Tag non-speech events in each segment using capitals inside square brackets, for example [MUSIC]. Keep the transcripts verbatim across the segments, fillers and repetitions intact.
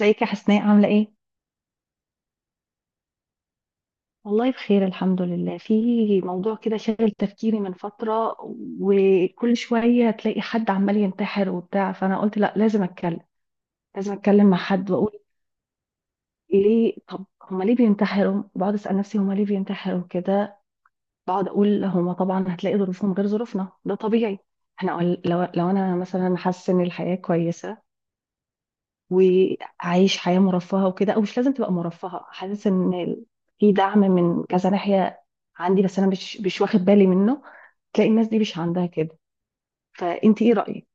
ازيك يا حسناء، عاملة ايه؟ والله بخير الحمد لله، في موضوع كده شاغل تفكيري من فترة، وكل شوية تلاقي حد عمال ينتحر وبتاع، فأنا قلت لا، لازم أتكلم، لازم أتكلم مع حد وأقول ليه. طب هما ليه بينتحروا؟ بقعد أسأل نفسي هما ليه بينتحروا كده، بقعد أقول هما طبعا هتلاقي ظروفهم غير ظروفنا، ده طبيعي. احنا قل- لو, لو أنا مثلا حاسة إن الحياة كويسة، وعايش حياة مرفهة وكده، او مش لازم تبقى مرفهة، حاسس ان ال- في دعم من كذا ناحية عندي، بس انا مش مش واخد بالي منه، تلاقي الناس دي مش عندها كده. فانت ايه رأيك؟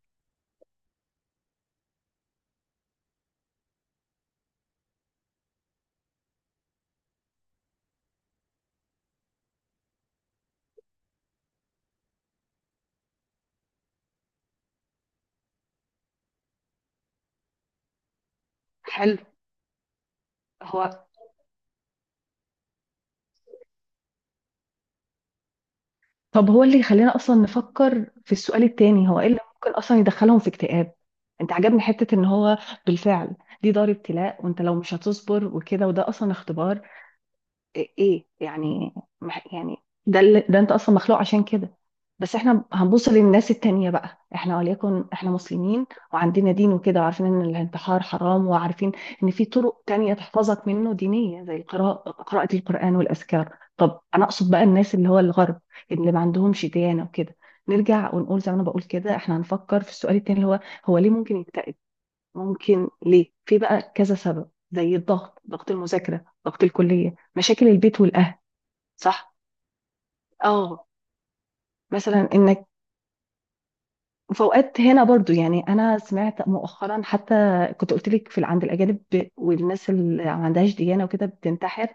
حلو. هو طب هو اللي يخلينا اصلا نفكر في السؤال التاني، هو ايه اللي ممكن اصلا يدخلهم في اكتئاب؟ انت عجبني حتة ان هو بالفعل دي دار ابتلاء، وانت لو مش هتصبر وكده، وده اصلا اختبار. إيه إيه؟ يعني مح- يعني ده اللي ده أنت أصلا مخلوق عشان كده. بس إحنا هنبص للناس التانية بقى، إحنا وليكن إحنا مسلمين وعندنا دين وكده، وعارفين إن الانتحار حرام، وعارفين إن في طرق تانية تحفظك منه دينية، زي القراءة، قراءة القرآن والأذكار. طب أنا أقصد بقى الناس اللي هو الغرب، اللي ما عندهمش ديانة وكده. نرجع ونقول زي ما أنا بقول كده، إحنا هنفكر في السؤال التاني، اللي هو هو ليه ممكن يكتئب؟ ممكن ليه؟ في بقى كذا سبب، زي الضغط، ضغط المذاكره، ضغط الكليه، مشاكل البيت والاهل. صح. اه، مثلا انك وفوقات هنا برضو، يعني انا سمعت مؤخرا حتى، كنت قلت لك في ال- عند الاجانب ب- والناس اللي ما عندهاش ديانه وكده بتنتحر،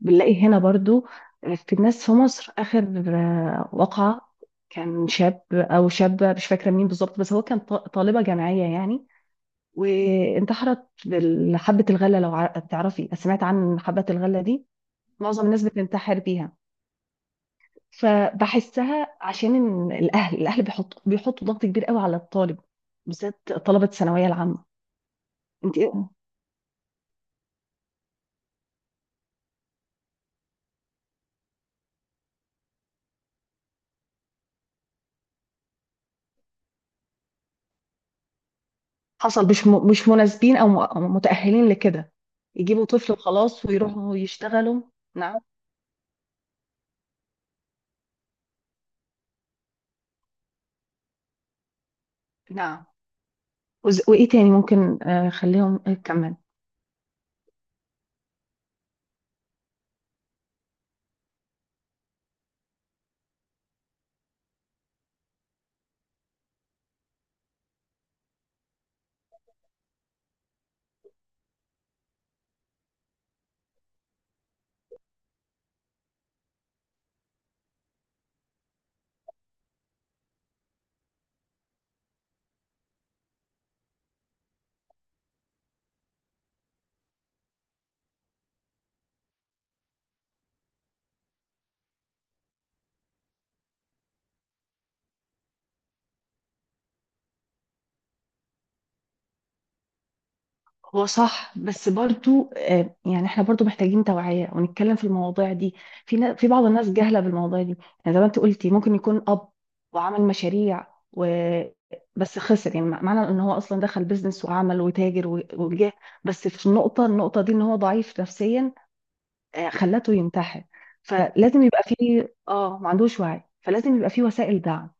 بنلاقي هنا برضو في الناس في مصر. اخر آه، وقعه كان شاب او شابه، مش فاكره مين بالظبط، بس هو كان ط- طالبه جامعيه يعني، وانتحرت بحبة الغلة. لو ع- تعرفي، سمعت عن حبة الغلة دي؟ معظم الناس بتنتحر بيها. فبحسها عشان إن الأهل الأهل بيحطوا بيحطوا ضغط كبير قوي على الطالب، بالذات طلبة الثانوية العامة. انت إيه؟ حصل مش م- مش مناسبين، أو م- أو متأهلين لكده، يجيبوا طفل خلاص ويروحوا يشتغلوا. نعم. نعم. وز- وإيه تاني ممكن؟ آه، خليهم، آه، كمل. هو صح، بس برضو آه، يعني احنا برضو محتاجين توعية ونتكلم في المواضيع دي، في نا- في بعض الناس جاهلة بالمواضيع دي. يعني زي ما انت قلتي، ممكن يكون أب وعمل مشاريع و بس خسر، يعني مع- معنى ان هو اصلا دخل بيزنس وعمل وتاجر و- وجاه، بس في النقطة، النقطة دي ان هو ضعيف نفسيا، آه، خلته ينتحر. فلازم يبقى فيه، اه ما عندوش وعي، فلازم يبقى فيه وسائل دعم.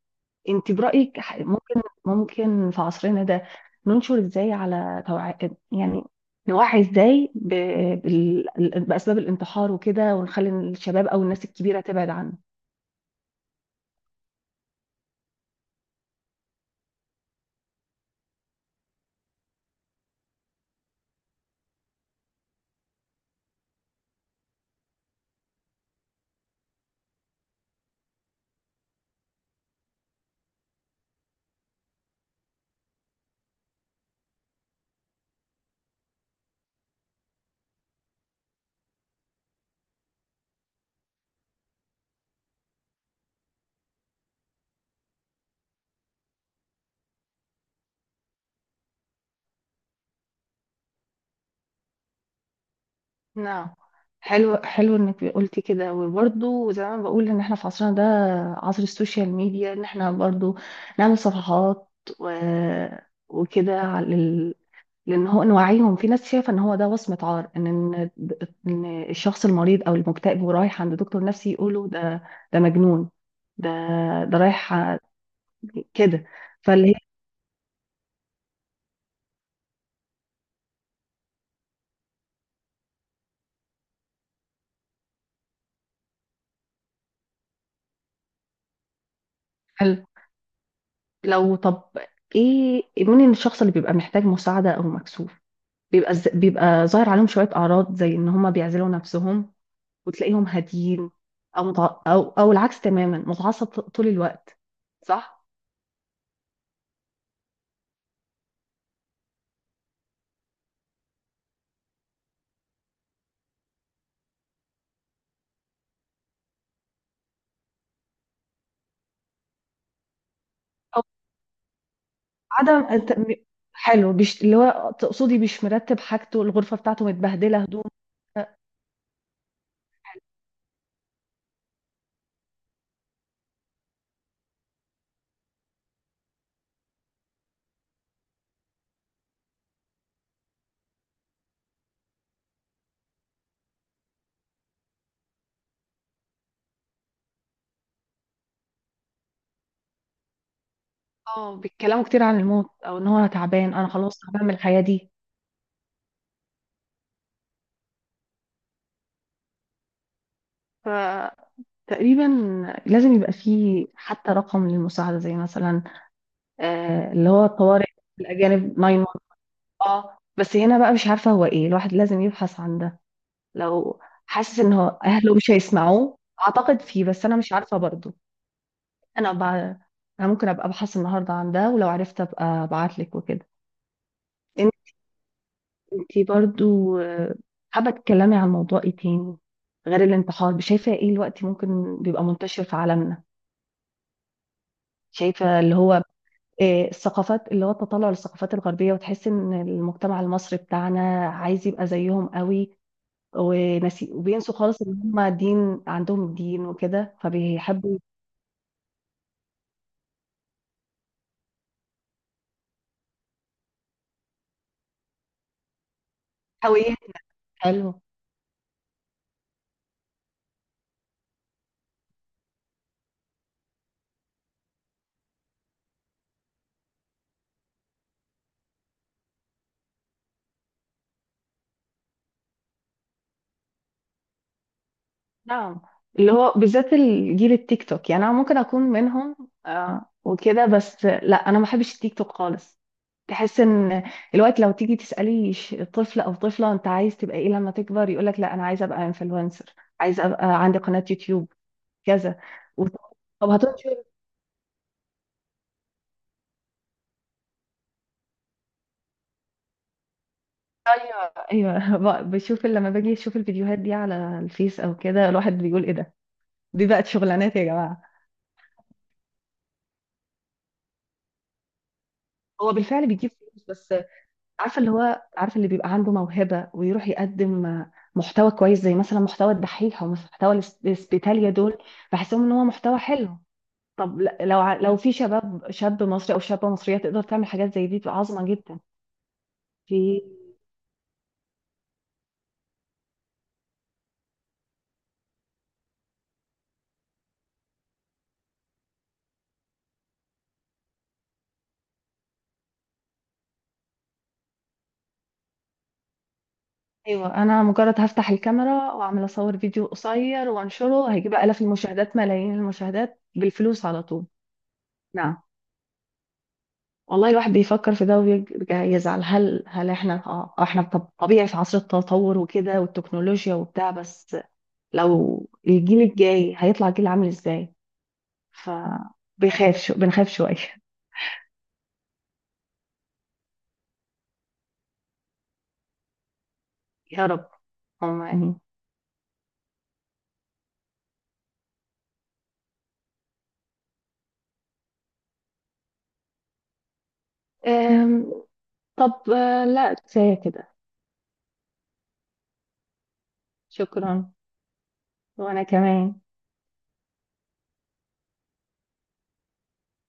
انت برأيك ح- ممكن ممكن في عصرنا ده ننشر ازاي على توع... يعني نوعي ازاي ب... بال... بأسباب الانتحار وكده، ونخلي الشباب او الناس الكبيرة تبعد عنه. نعم. حلو، حلو انك قلتي كده. وبرضه زي ما بقول، ان احنا في عصرنا ده، عصر السوشيال ميديا، ان احنا برضه نعمل صفحات و... وكده، لان هو نوعيهم. في ناس شايفه ان هو ده وصمه عار، ان ان إن الشخص المريض او المكتئب ورايح عند دكتور نفسي، يقولوا ده ده مجنون، ده ده رايح ع- كده. فاللي هي حلو. لو طب ايه؟ مين الشخص اللي بيبقى محتاج مساعده او مكسوف؟ بيبقى ز- بيبقى ظاهر عليهم شويه اعراض، زي ان هم بيعزلوا نفسهم وتلاقيهم هاديين، او متع... او او العكس تماما متعصب ط- طول الوقت. صح. عدم أنت- م- حلو، بيش... اللي هو تقصدي مش مرتب حاجته، الغرفة بتاعته متبهدلة، هدوم. اه، بيتكلموا كتير عن الموت، او ان هو تعبان، انا خلاص تعبان من الحياة دي. فتقريبا لازم يبقى فيه حتى رقم للمساعدة، زي مثلا آه اللي هو الطوارئ، الأجانب تسعة واحد واحد. اه، بس هنا بقى مش عارفة هو ايه. الواحد لازم يبحث عن ده لو حاسس ان هو اهله مش هيسمعوه، اعتقد فيه، بس انا مش عارفة برضه. انا أبقى انا ممكن ابقى ابحث النهارده عن ده، ولو عرفت ابقى ابعت لك وكده. انت انتي برضو، آه، حابه تتكلمي عن موضوع ايه تاني غير الانتحار؟ شايفه ايه الوقت ممكن بيبقى منتشر في عالمنا؟ شايفه اللي هو آه، الثقافات، اللي هو التطلع للثقافات الغربيه، وتحس ان المجتمع المصري بتاعنا عايز يبقى زيهم قوي، ونسي وبينسوا خالص ان هم دين، عندهم الدين وكده، فبيحبوا هويات. حلو. نعم. اللي هو بالذات الجيل التيك توك، يعني انا ممكن اكون منهم آه وكده، بس لا، انا ما بحبش التيك توك خالص. تحس ان الوقت لو تيجي تسالي ش- طفل او طفله انت عايز تبقى ايه لما تكبر، يقول لك لا انا عايز ابقى انفلونسر، عايز ابقى عندي قناه يوتيوب، كذا. وط- طب هتنشر. ايوه. ايوه. [LAUGHS] ب- بشوف لما باجي اشوف الفيديوهات دي على الفيس او كده، الواحد بيقول ايه ده، دي بقت شغلانات يا جماعه. هو بالفعل بيجيب فلوس، بس عارفه، اللي هو عارفه اللي بيبقى عنده موهبه ويروح يقدم آه، محتوى كويس، زي مثلا محتوى الدحيح، او محتوى الاس- الاسبيتاليا دول، بحسهم ان هو محتوى حلو. طب ل- لو ع- لو في شباب شاب مصري او شابه مصريه تقدر تعمل حاجات زي دي، تبقى عظمه جدا. في ايوه، انا مجرد هفتح الكاميرا واعمل اصور فيديو قصير وانشره، هيجيب الاف المشاهدات، ملايين المشاهدات، بالفلوس على طول. نعم. والله الواحد بيفكر في ده وبيرجع يزعل، هل هل احنا، اه احنا طب- طبيعي في عصر التطور وكده والتكنولوجيا وبتاع، بس لو الجيل الجاي هيطلع جيل عامل ازاي؟ فبيخاف شو بنخاف شوية. [LAUGHS] يا رب. هم يعني. أم، طب، آه، لا كفاية كده. شكرا. وأنا كمان.